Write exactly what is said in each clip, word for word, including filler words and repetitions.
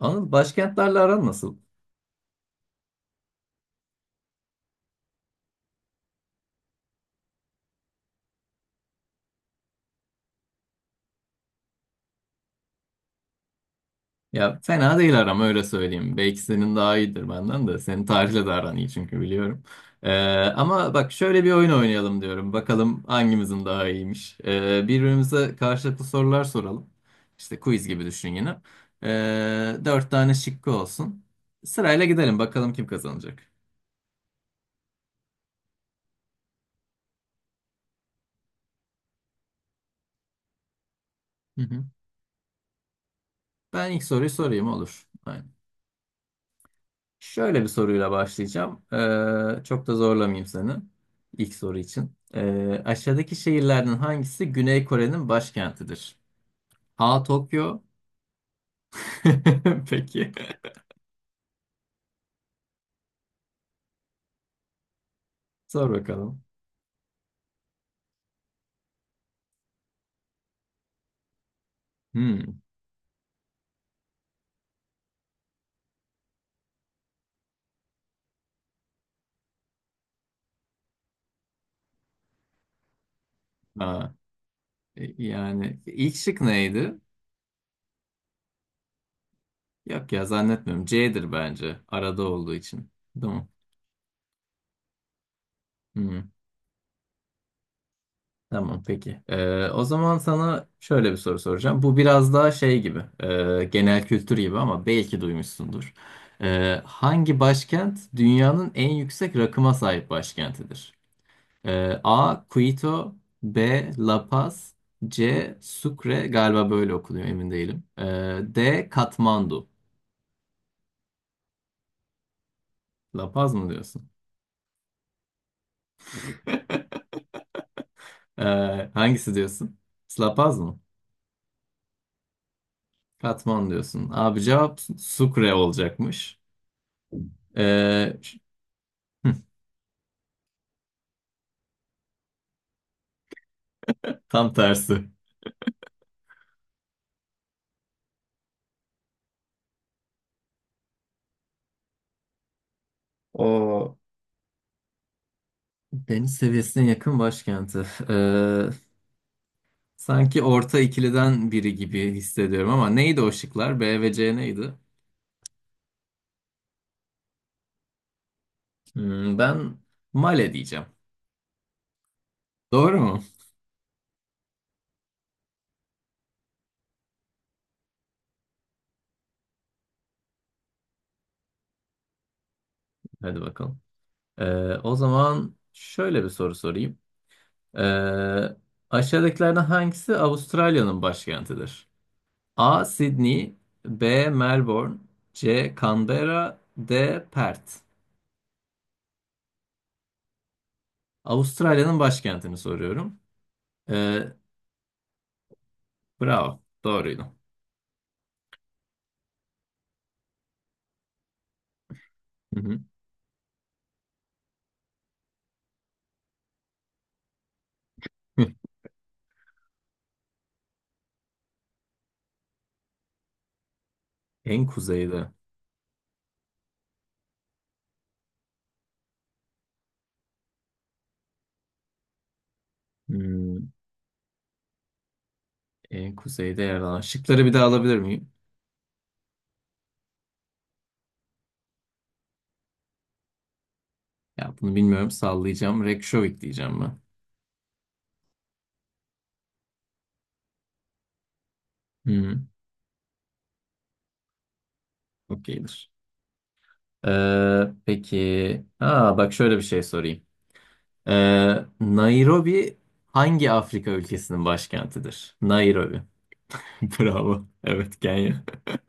Anıl, başkentlerle aran nasıl? Ya fena değil aram, öyle söyleyeyim. Belki senin daha iyidir benden de. Senin tarihle de aran iyi, çünkü biliyorum. Ee, Ama bak, şöyle bir oyun oynayalım diyorum. Bakalım hangimizin daha iyiymiş. Ee, birbirimize karşılıklı sorular soralım. İşte quiz gibi düşün yine. Ee, dört tane şıkkı olsun. Sırayla gidelim, bakalım kim kazanacak. Hı hı. Ben ilk soruyu sorayım, olur. Aynen. Şöyle bir soruyla başlayacağım. Ee, çok da zorlamayayım seni ilk soru için. Ee, aşağıdaki şehirlerden hangisi Güney Kore'nin başkentidir? A. Tokyo. Peki. Sor bakalım. Hmm. A. E, yani ilk şık neydi? Yok ya, zannetmiyorum. C'dir bence. Arada olduğu için. Değil mi? Hmm. Tamam, peki. Ee, o zaman sana şöyle bir soru soracağım. Bu biraz daha şey gibi, e, genel kültür gibi, ama belki duymuşsundur. Ee, hangi başkent dünyanın en yüksek rakıma sahip başkentidir? Ee, A. Quito. B. La Paz. C. Sucre, galiba böyle okunuyor, emin değilim. Ee, D. Katmandu. La Paz mı diyorsun? Ee, Hangisi diyorsun? La Paz mı? Katmandu diyorsun. Abi, cevap Sucre olacakmış. Ee, Tam tersi. O deniz seviyesine yakın başkenti. Ee, sanki orta ikiliden biri gibi hissediyorum, ama neydi o şıklar? B ve C neydi? Hmm, ben Male diyeceğim. Doğru mu? Hadi bakalım. Ee, O zaman şöyle bir soru sorayım. Ee, Aşağıdakilerden hangisi Avustralya'nın başkentidir? A. Sydney. B. Melbourne. C. Canberra. D. Perth. Avustralya'nın başkentini soruyorum. Ee, Bravo. Doğruydu. Hı hı. Hı. En kuzeyde. Hmm, en kuzeyde yer alan. Şıkları bir daha alabilir miyim? Ya bunu bilmiyorum. Sallayacağım. Reykjavik diyeceğim ben. Hı hı. Okeydir. Ee, peki. Aa, bak şöyle bir şey sorayım. Ee, Nairobi hangi Afrika ülkesinin başkentidir? Nairobi. Bravo. Evet, Kenya.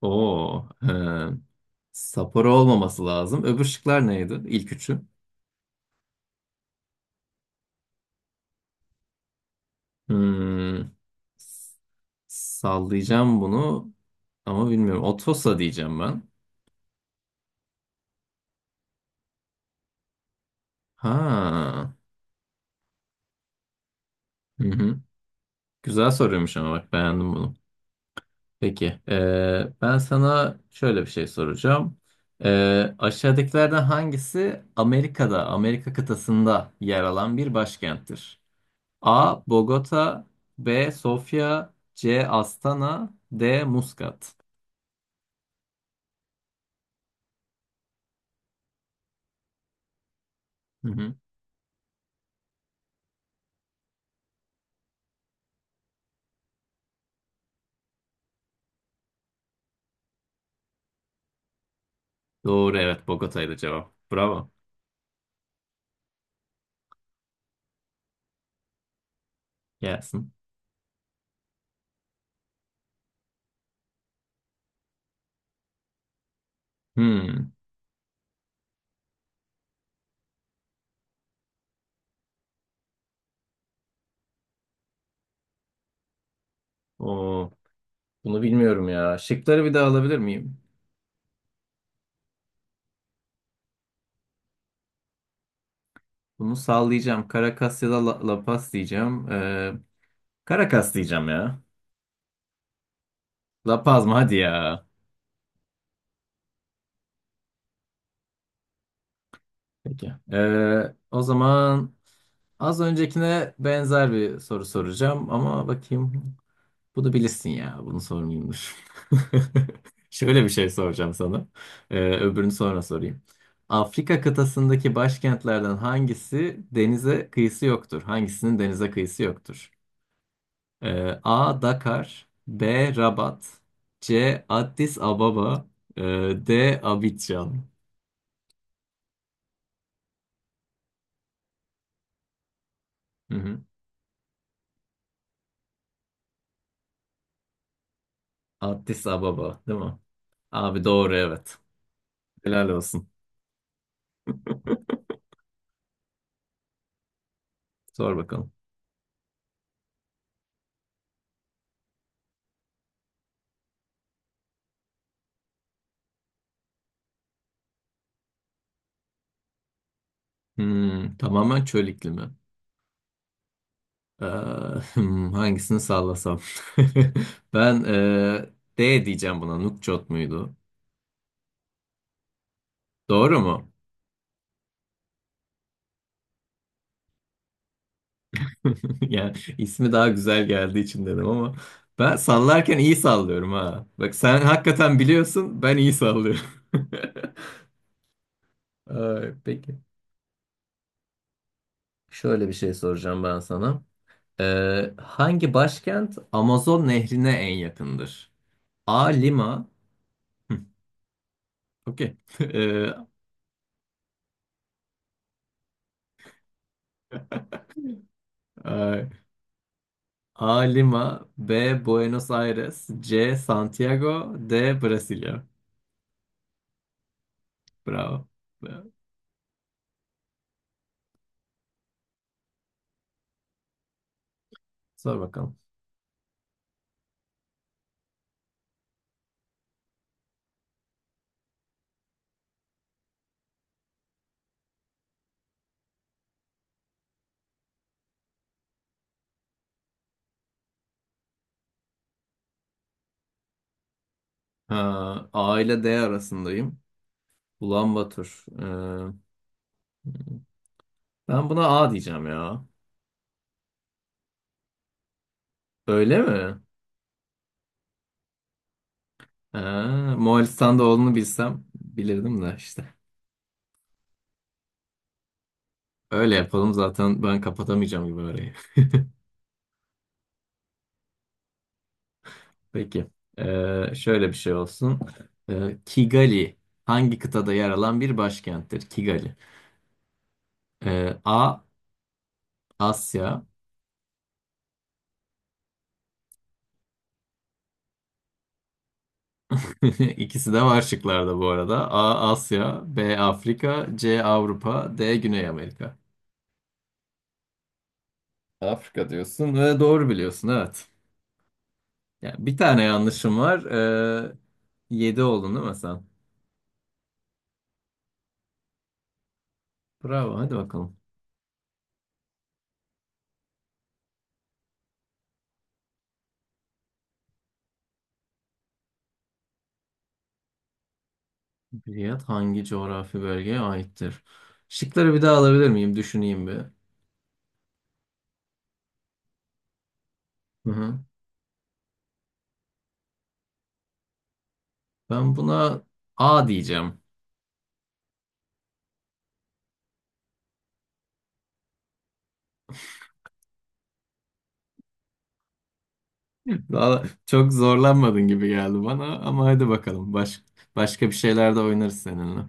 Oo. ee, Sapporo olmaması lazım. Öbür şıklar neydi? İlk üçü. Hmm, sallayacağım bunu ama bilmiyorum. Otosa diyeceğim ben. Ha. Hı hı. Güzel soruyormuş, ama bak beğendim bunu. Peki. Ee, ben sana şöyle bir şey soracağım. Ee, aşağıdakilerden hangisi Amerika'da, Amerika kıtasında yer alan bir başkenttir? A. Bogota. B. Sofya. C. Astana. D. Muscat. Hı hı. Doğru, evet, Bogota'ydı cevap. Bravo. Gelsin. Hmm. Oo, bunu bilmiyorum ya. Şıkları bir daha alabilir miyim? Bunu sallayacağım. Caracas ya da La, La Paz diyeceğim. Ee, Caracas diyeceğim ya. La Paz mı? Hadi ya. Peki. Ee, o zaman az öncekine benzer bir soru soracağım, ama bakayım. Bunu bilirsin ya. Bunu sormayayım, dur. Şöyle bir şey soracağım sana. Ee, öbürünü sonra sorayım. Afrika kıtasındaki başkentlerden hangisi denize kıyısı yoktur? Hangisinin denize kıyısı yoktur? Ee, A. Dakar. B. Rabat. C. Addis Ababa. ee, D. Abidjan. Hı hı. Addis Ababa değil mi? Abi, doğru, evet. Helal olsun. Sor bakalım. Hmm, tamamen çöl iklimi. Ee, hmm, hangisini sallasam? Ben e, D diyeceğim buna. Nukçot muydu? Doğru mu? Yani ismi daha güzel geldiği için dedim, ama ben sallarken iyi sallıyorum ha. Bak, sen hakikaten biliyorsun, ben iyi sallıyorum. Ay, peki. Şöyle bir şey soracağım ben sana. Ee, hangi başkent Amazon nehrine en yakındır? A. Lima. Okey. Ee, ay, A. Lima. B. Buenos Aires. C. Santiago. D. Brasilia. Bravo. Bravo. Sor bakalım. Ha, A ile D arasındayım. Ulanbatur. Ee, ben buna A diyeceğim ya. Öyle mi? Ha, Moğolistan'da olduğunu bilsem bilirdim de, işte. Öyle yapalım, zaten ben kapatamayacağım gibi orayı. Peki. Ee, şöyle bir şey olsun. Ee, Kigali hangi kıtada yer alan bir başkenttir? Kigali. Ee, A. Asya. İkisi de var şıklarda bu arada. A. Asya, B. Afrika, C. Avrupa, D. Güney Amerika. Afrika diyorsun ve doğru biliyorsun, evet. Yani bir tane yanlışım var. Ee, yedi oldun değil mi sen? Bravo, hadi bakalım. Riyad hangi coğrafi bölgeye aittir? Şıkları bir daha alabilir miyim? Düşüneyim bir. Hı hı. Ben buna A diyeceğim. Daha çok zorlanmadın gibi geldi bana, ama hadi bakalım. Baş, başka bir şeyler de oynarız seninle.